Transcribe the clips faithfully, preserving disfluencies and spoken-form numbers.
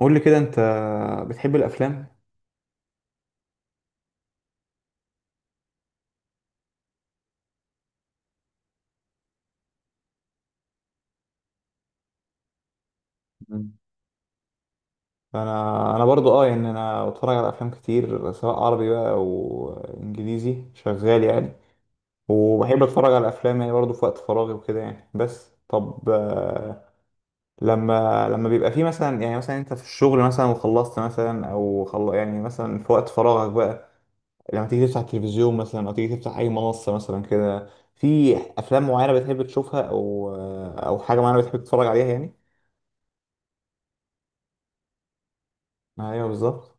قول لي كده، انت بتحب الافلام؟ مم. انا انا برضو اه يعني انا بتفرج على افلام كتير سواء عربي بقى او انجليزي شغال يعني. وبحب اتفرج على افلام يعني برضو في وقت فراغي وكده يعني، بس طب آه، لما لما بيبقى في مثلا، يعني مثلا انت في الشغل مثلا وخلصت مثلا او خل... يعني مثلا في وقت فراغك بقى، لما تيجي تفتح التلفزيون مثلا او تيجي تفتح اي منصة مثلا كده، في افلام معينة بتحب تشوفها او او حاجة معينة بتحب تتفرج عليها يعني. ايوه، بالظبط.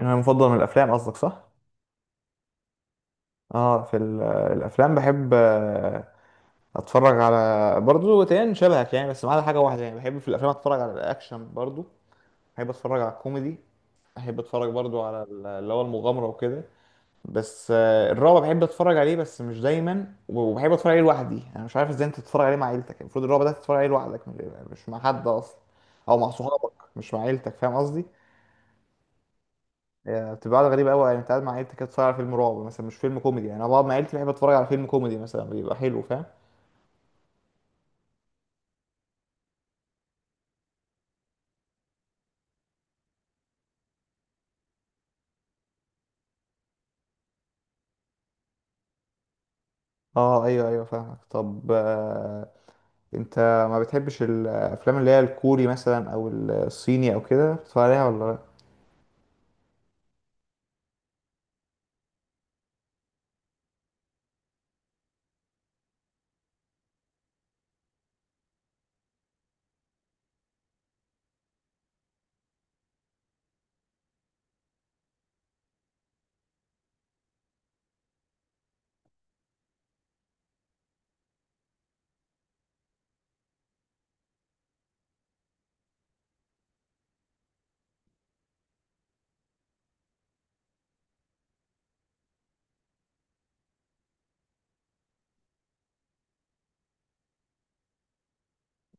انا مفضل من الافلام قصدك، صح؟ اه، في ال- الافلام بحب آه، اتفرج على برضو تاني شبهك يعني، بس ما عدا حاجه واحده يعني. بحب في الافلام اتفرج على الاكشن برضو، بحب اتفرج على الكوميدي، بحب اتفرج برضو على ال- اللي هو المغامره وكده. بس آه، الرعب بحب اتفرج عليه بس مش دايما، وبحب اتفرج عليه لوحدي، انا مش عارف ازاي انت تتفرج عليه مع عيلتك، المفروض الرعب ده تتفرج عليه لوحدك، مش مش مع حد اصلا، او مع صحابك، مش مع عيلتك، فاهم قصدي؟ يعني بتبقى قاعدة غريبة قوي، يعني انت قاعد مع عيلتك كده بتتفرج على فيلم رعب مثلا مش فيلم كوميدي، يعني انا بقعد مع عيلتي بحب اتفرج على فيلم كوميدي مثلا بيبقى حلو، فاهم؟ اه، ايوه ايوه، فاهمك. طب آه، انت ما بتحبش الافلام اللي هي الكوري مثلا او الصيني او كده بتتفرج عليها ولا لا؟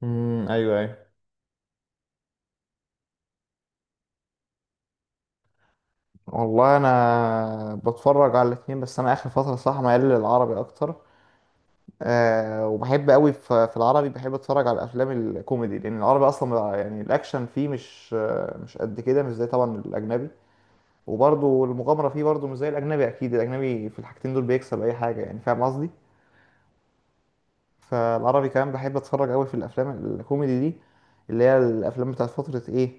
امم ايوه ايوه. والله انا بتفرج على الاثنين، بس انا اخر فتره صراحه ميال للعربي اكتر. أه وبحب قوي في في العربي بحب اتفرج على الافلام الكوميدي، لان العربي اصلا بقى- يعني الاكشن فيه مش آه، مش قد كده، مش زي طبعا الاجنبي. وبرضه المغامرة فيه برضه مش زي الأجنبي، أكيد الأجنبي في الحاجتين دول بيكسب أي حاجة، يعني فاهم قصدي؟ فالعربي كمان بحب أتفرج أوي في الأفلام الكوميدي دي، اللي هي الأفلام بتاعت فترة إيه؟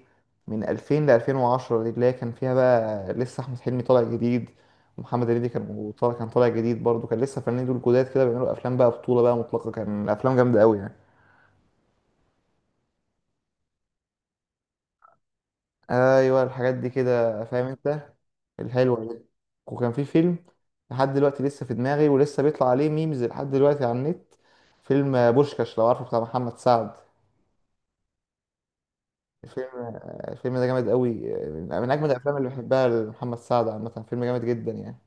من ألفين ل ألفين وعشرة دي، اللي هي كان فيها بقى لسه أحمد حلمي طالع جديد، ومحمد هنيدي كان طالع كان طالع جديد برضه، كان لسه فنانين دول جداد كده بيعملوا أفلام بقى بطولة بقى مطلقة، كان أفلام جامدة أوي يعني. ايوه، الحاجات دي كده فاهم انت، الحلوه دي. وكان في فيلم لحد دلوقتي لسه في دماغي، ولسه بيطلع عليه ميمز لحد دلوقتي على النت، فيلم بوشكاش لو عارفه بتاع محمد سعد. الفيلم الفيلم ده جامد قوي، من من اجمد الافلام اللي بحبها لمحمد سعد، عامه فيلم جامد جدا يعني.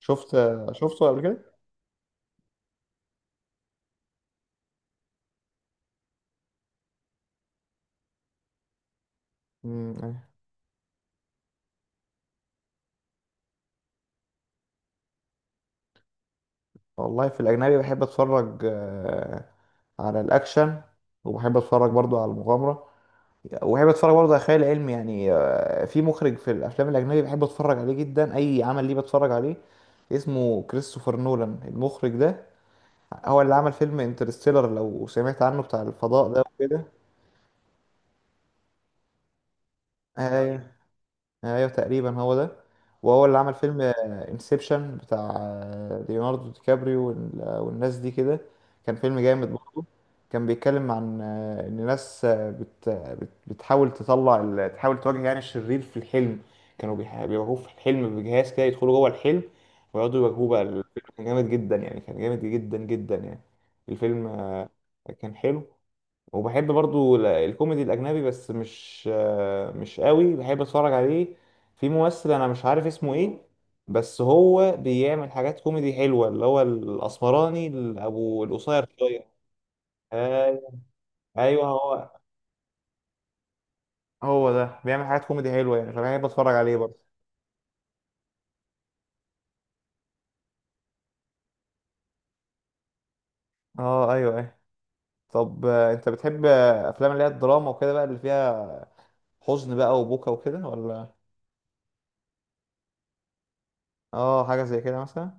شفت شفته قبل كده؟ مم. والله في الاجنبي بحب اتفرج آه، على الاكشن، وبحب اتفرج برضو على المغامره، وبحب اتفرج برضه على خيال علمي يعني. آه، في مخرج في الافلام الاجنبي بحب اتفرج عليه جدا، اي عمل ليه بتفرج عليه، اسمه كريستوفر نولان المخرج ده، هو اللي عمل فيلم انترستيلر لو سمعت عنه بتاع الفضاء ده وكده. آه، ايوه تقريبا هو ده. وهو اللي عمل فيلم انسبشن بتاع آه، ليوناردو دي كابريو وال- آه، والناس دي كده، كان فيلم جامد برضه. كان بيتكلم عن آه، ان ناس آه، بت بت- بتحاول تطلع ال- تحاول تواجه يعني الشرير في الحلم، كانوا بيح- بيواجهوه في الحلم بجهاز كده، يدخلوا جوه الحلم ويقعدوا يواجهوه بقى، الفيلم كان جامد جدا يعني، كان جامد جدا جدا يعني. الفيلم آه، كان حلو. وبحب برضو ال- الكوميدي الاجنبي بس مش آه، مش قوي بحب اتفرج عليه. في ممثل انا مش عارف اسمه ايه، بس هو بيعمل حاجات كوميدي حلوه، اللي هو الاسمراني ابو القصير شويه. أي- ايوه، هو. هو ده بيعمل حاجات كوميدي حلوه يعني، فبحب اتفرج عليه برضه. اه، ايوه ايوه. طب آه، انت بتحب آه، افلام اللي هي الدراما وكده بقى، اللي فيها حزن بقى وبكا وكده ولا؟ اه، حاجه زي كده مثلا.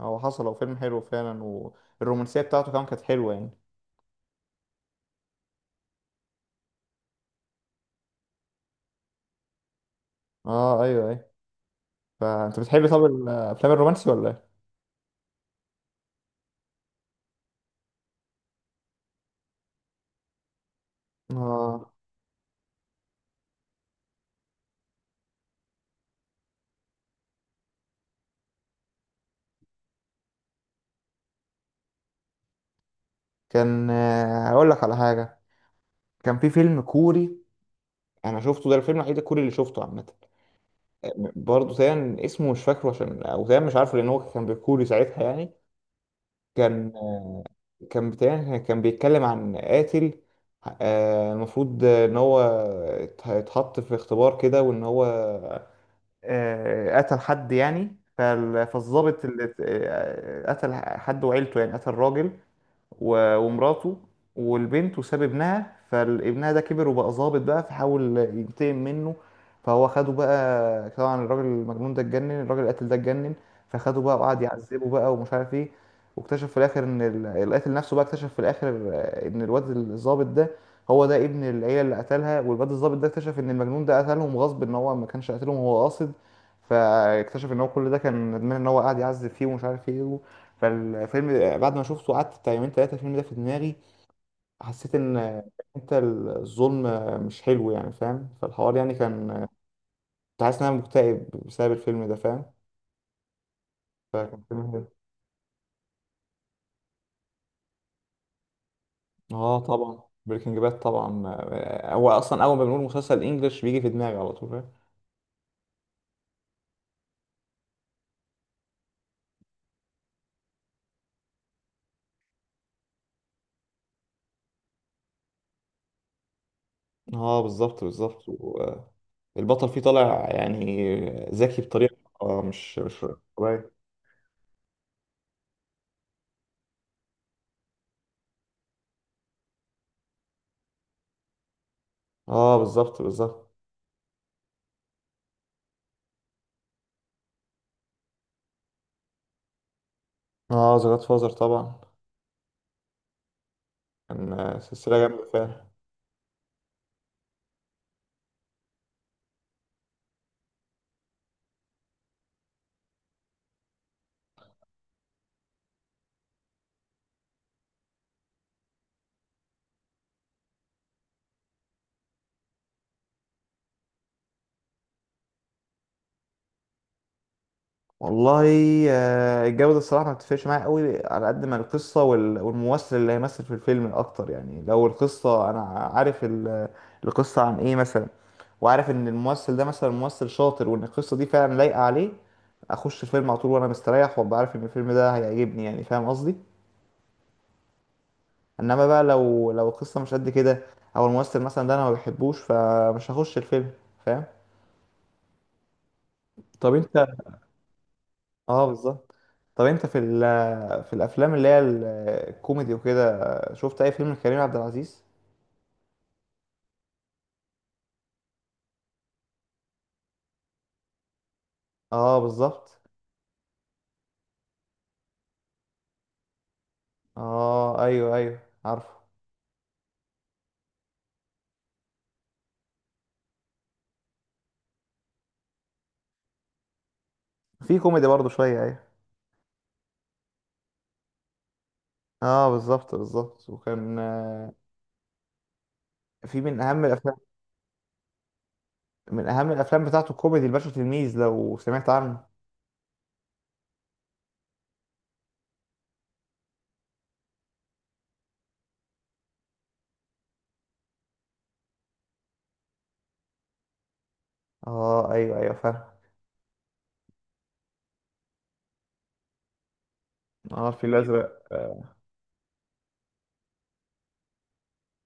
هو حصل هو فيلم حلو فعلا، والرومانسيه بتاعته كمان كانت حلوه يعني. اه، ايوه ايوه، فانت بتحب طب الافلام الرومانسي ولا ايه؟ اه، كان آه، هقول لك على حاجه، كان في فيلم كوري انا شفته ده الفيلم الوحيد الكوري اللي شفته عامه. آه، برضه تقريبا اسمه مش فاكره، عشان او تقريبا مش عارفه لان هو كان بالكوري ساعتها يعني. كان كان تقريبا كان بيتكلم عن قاتل، آه، المفروض ان هو ات- اتحط في اختبار كده، وان هو آه، قتل حد يعني، فال- فالضابط اللي ات- آه، قتل حد وعيلته، يعني قتل راجل و- ومراته والبنت وساب ابنها. فابنها ده كبر وبقى ظابط بقى، فحاول ينتقم منه، فهو خده بقى طبعا، الراجل المجنون ده اتجنن، الراجل القاتل ده اتجنن، فخده بقى وقعد يعذبه بقى ومش عارف ايه. واكتشف في الاخر ان ال- القاتل نفسه بقى اكتشف في الاخر آه، ان الواد الظابط ده هو ده ابن العيله اللي قتلها، والواد الظابط ده اكتشف ان المجنون ده قتلهم غصب، ان هو ما كانش قاتلهم هو قاصد. فاكتشف ان هو كل ده كان ندمان ان هو قاعد يعذب فيه ومش عارف ايه. فالفيلم بعد ما شفته قعدت بتاع يومين تلاتة الفيلم ده في دماغي، حسيت ان انت الظلم مش حلو يعني، فاهم؟ فالحوار يعني كان، كنت حاسس ان انا مكتئب بسبب الفيلم ده، فاهم؟ فكان فيلم حلو. اه، طبعا بريكنج باد، طبعا. هو اصلا اول ما بنقول مسلسل انجلش بيجي في دماغي على طول، فاهم؟ اه، بالظبط بالظبط، والبطل فيه طالع يعني ذكي بطريقة آه، مش مش طبيعية. اه، بالظبط بالظبط. اه، ذا جاد فازر طبعا، كان سلسلة جامدة فعلا. والله آه، الجودة الصراحة ما بتفرقش معايا قوي على قد ما القصة وال- والممثل اللي هيمثل في الفيلم أكتر، يعني لو القصة أنا عارف ال- القصة عن إيه مثلا، وعارف إن الممثل ده مثلا ممثل شاطر، وإن القصة دي فعلا لايقة عليه، أخش الفيلم على طول وأنا مستريح، وأبقى عارف إن الفيلم ده هيعجبني يعني، فاهم قصدي؟ إنما بقى لو لو القصة مش قد كده، أو الممثل مثلا ده أنا ما بحبوش فمش هخش الفيلم، فاهم؟ طب أنت. آه، بالظبط. طب أنت في ال في الافلام اللي هي ال- الكوميدي وكده، شفت اي فيلم لكريم عبد العزيز؟ اه، بالظبط. اه، ايوه ايوه، عارفه. في كوميدي برضه شويه، ايوه. اه، بالظبط بالظبط. وكان آه، في من اهم الافلام من اهم الافلام بتاعته الكوميدي الباشا تلميذ لو سمعت عنه. اه، ايوه ايوه، فاهم. اه، الفيل الازرق.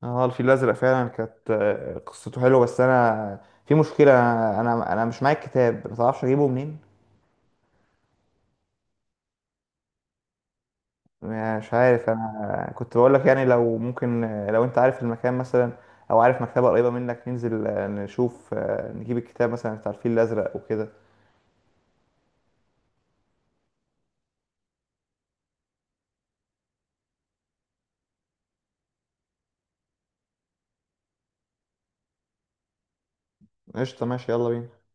اه، الفيل الازرق فعلا كانت آه، قصته حلوه، بس انا في مشكله، انا انا مش معايا الكتاب. ما تعرفش اجيبه منين؟ مش عارف، انا كنت بقول لك يعني لو ممكن، لو انت عارف المكان مثلا، او عارف مكتبه قريبه منك ننزل آه، نشوف آه، نجيب الكتاب مثلا بتاع الفيل الازرق وكده. قشطه، ماشي، يلا بينا.